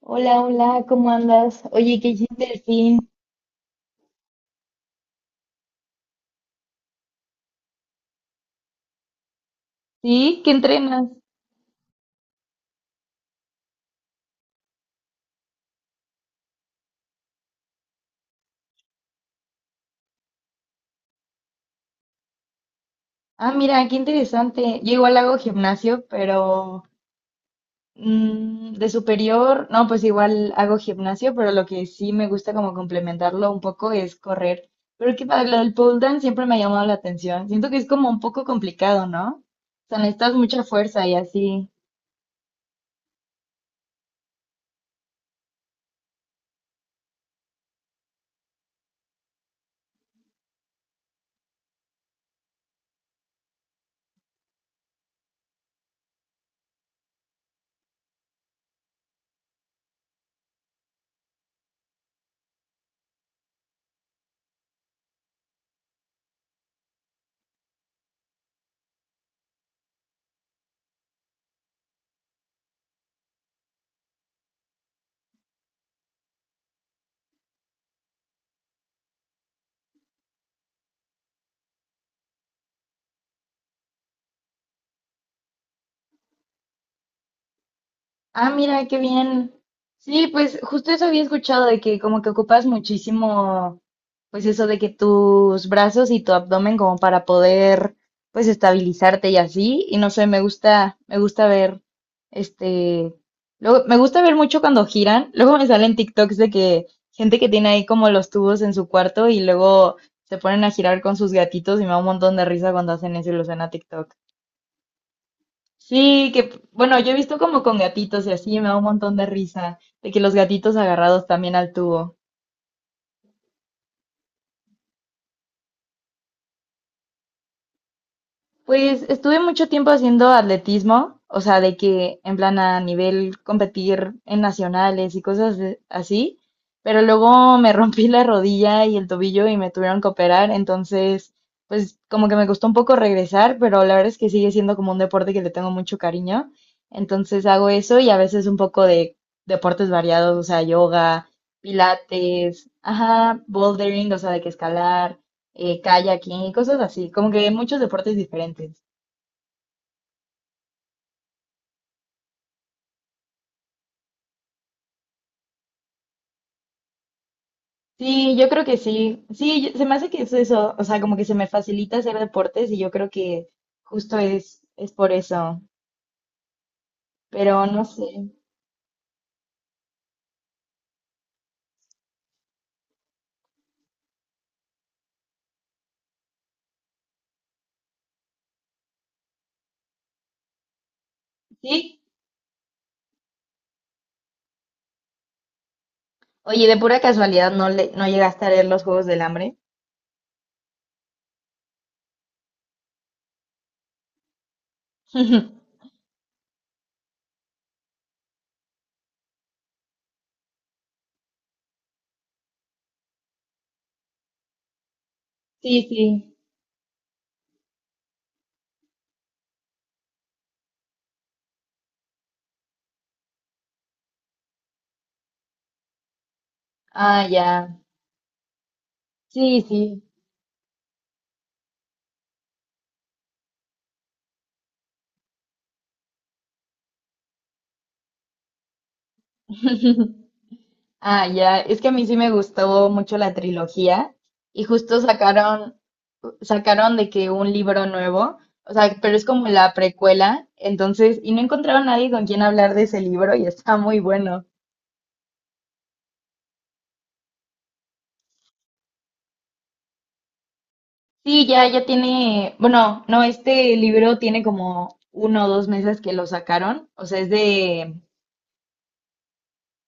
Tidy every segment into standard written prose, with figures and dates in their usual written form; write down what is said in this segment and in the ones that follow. Hola, hola, ¿cómo andas? Oye, ¿qué hiciste el fin? ¿Sí? ¿Qué entrenas? Ah, mira, qué interesante. Yo igual hago gimnasio, pero de superior, no, pues igual hago gimnasio, pero lo que sí me gusta como complementarlo un poco es correr. Pero que para lo del pole dance siempre me ha llamado la atención. Siento que es como un poco complicado, ¿no? O sea, necesitas mucha fuerza y así. Ah, mira, qué bien. Sí, pues justo eso había escuchado de que como que ocupas muchísimo, pues eso de que tus brazos y tu abdomen como para poder pues estabilizarte y así. Y no sé, me gusta ver, este, luego me gusta ver mucho cuando giran. Luego me salen TikToks de que gente que tiene ahí como los tubos en su cuarto y luego se ponen a girar con sus gatitos y me da un montón de risa cuando hacen eso y lo suena a TikTok. Sí, que bueno, yo he visto como con gatitos y así me da un montón de risa, de que los gatitos agarrados también al tubo. Pues estuve mucho tiempo haciendo atletismo, o sea, de que en plan a nivel competir en nacionales y así, pero luego me rompí la rodilla y el tobillo y me tuvieron que operar, entonces, pues como que me costó un poco regresar, pero la verdad es que sigue siendo como un deporte que le tengo mucho cariño, entonces hago eso y a veces un poco de deportes variados, o sea, yoga, pilates, ajá, bouldering, o sea, de que escalar kayaking y cosas así, como que muchos deportes diferentes. Sí, yo creo que sí. Sí, se me hace que es eso, o sea, como que se me facilita hacer deportes y yo creo que justo es por eso, pero no sé. Sí, oye, de pura casualidad no llegaste a leer los Juegos del Hambre. Sí, sí. Ah, ya. Sí, sí. Ah, ya, es que a mí sí me gustó mucho la trilogía y justo sacaron, sacaron de que un libro nuevo, o sea, pero es como la precuela, entonces, y no encontraron nadie con quien hablar de ese libro y está muy bueno. Sí, ya, ya tiene, bueno, no, este libro tiene como uno o dos meses que lo sacaron, o sea, es de,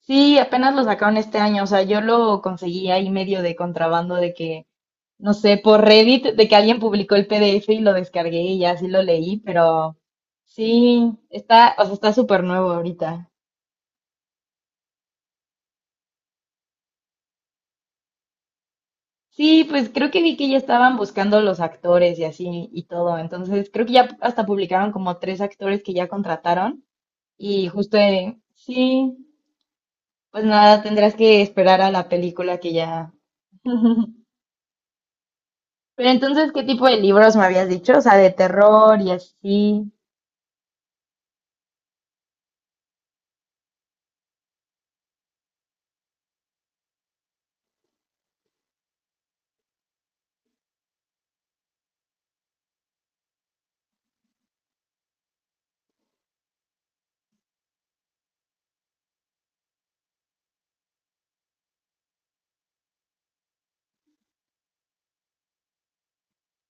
sí, apenas lo sacaron este año, o sea, yo lo conseguí ahí medio de contrabando de que no sé, por Reddit, de que alguien publicó el PDF y lo descargué y ya sí lo leí, pero sí, está, o sea, está súper nuevo ahorita. Sí, pues creo que vi que ya estaban buscando los actores y así y todo. Entonces, creo que ya hasta publicaron como tres actores que ya contrataron. Y justo, sí, pues nada, tendrás que esperar a la película que ya. Pero entonces, ¿qué tipo de libros me habías dicho? O sea, de terror y así.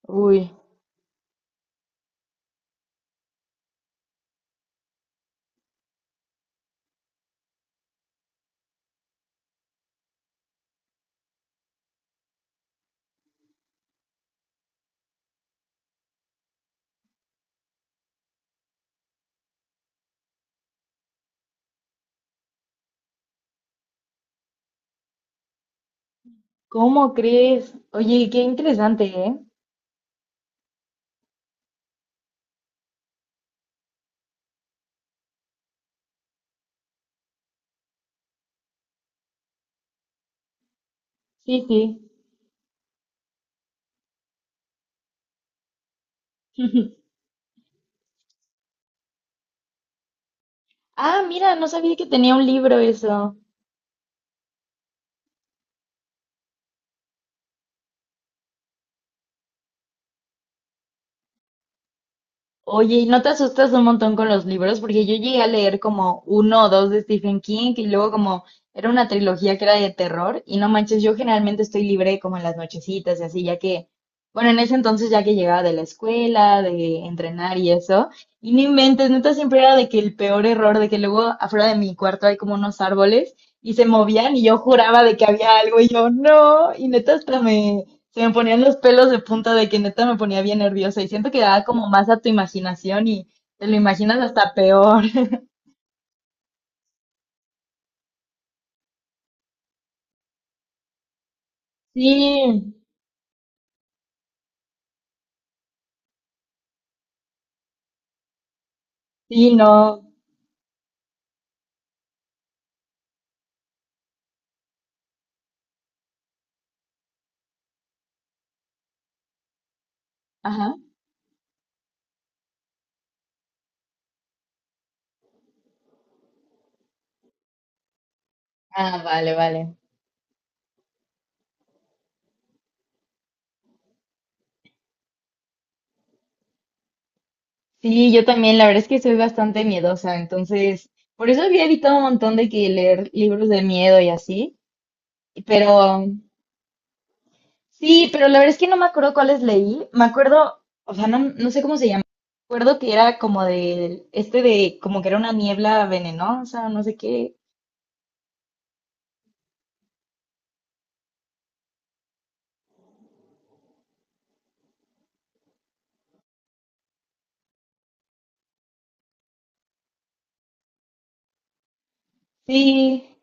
Uy. ¿Cómo crees? Oye, qué interesante, ¿eh? Sí, sí. Ah, mira, no sabía que tenía un libro eso. Oye, ¿y no te asustas un montón con los libros? Porque yo llegué a leer como uno o dos de Stephen King y luego como era una trilogía que era de terror y no manches, yo generalmente estoy libre como en las nochecitas y así, ya que, bueno, en ese entonces ya que llegaba de la escuela, de entrenar y eso, y no inventes, neta siempre era de que el peor error, de que luego afuera de mi cuarto hay como unos árboles y se movían y yo juraba de que había algo y yo no, y neta hasta me se me ponían los pelos de punta de que neta me ponía bien nerviosa y siento que da como más a tu imaginación y te lo imaginas hasta peor. Sí, sí, no. Ajá. Ah, vale, vale. Sí, yo también, la verdad es que soy bastante miedosa, entonces, por eso había evitado un montón de que leer libros de miedo y así, pero sí, pero la verdad es que no me acuerdo cuáles leí, me acuerdo, o sea, no sé cómo se llama, me acuerdo que era como como que era una niebla venenosa, no sé qué, sí,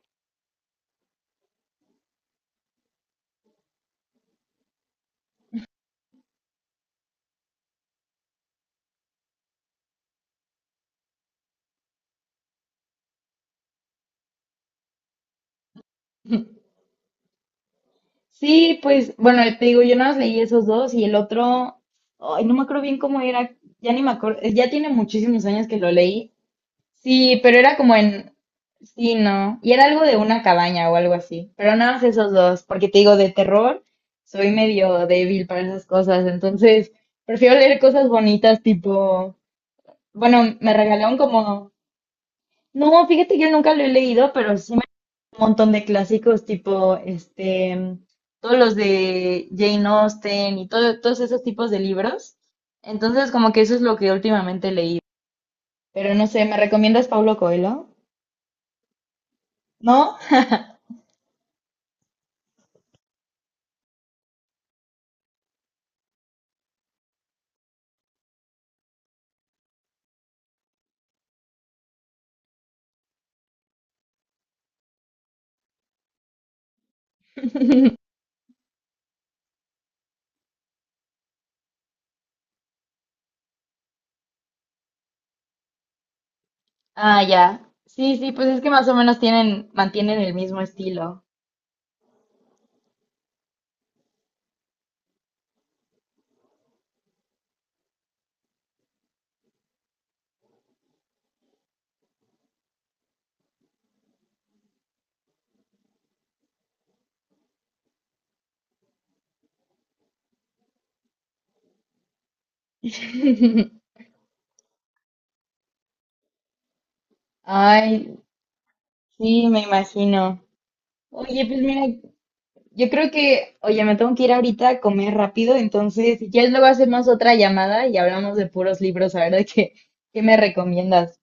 sí, pues bueno, te digo, yo nada más leí esos dos y el otro, ay, no me acuerdo bien cómo era, ya ni me acuerdo, ya tiene muchísimos años que lo leí. Sí, pero era como en, sí, no, y era algo de una cabaña o algo así, pero nada más esos dos, porque te digo, de terror, soy medio débil para esas cosas, entonces prefiero leer cosas bonitas tipo, bueno, me regalaron como, no, fíjate que nunca lo he leído, pero sí un montón de clásicos tipo todos los de Jane Austen y todo, todos esos tipos de libros. Entonces, como que eso es lo que últimamente leí. Pero no sé, ¿me recomiendas Paulo Coelho? ¿No? Ah, ya. Sí, sí, pues es que más o menos tienen, mantienen el mismo estilo. Ay, sí, me imagino. Oye, pues mira, yo creo que, oye, me tengo que ir ahorita a comer rápido, entonces si quieres luego hacemos otra llamada y hablamos de puros libros, a ver de qué, qué me recomiendas.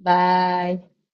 Bye.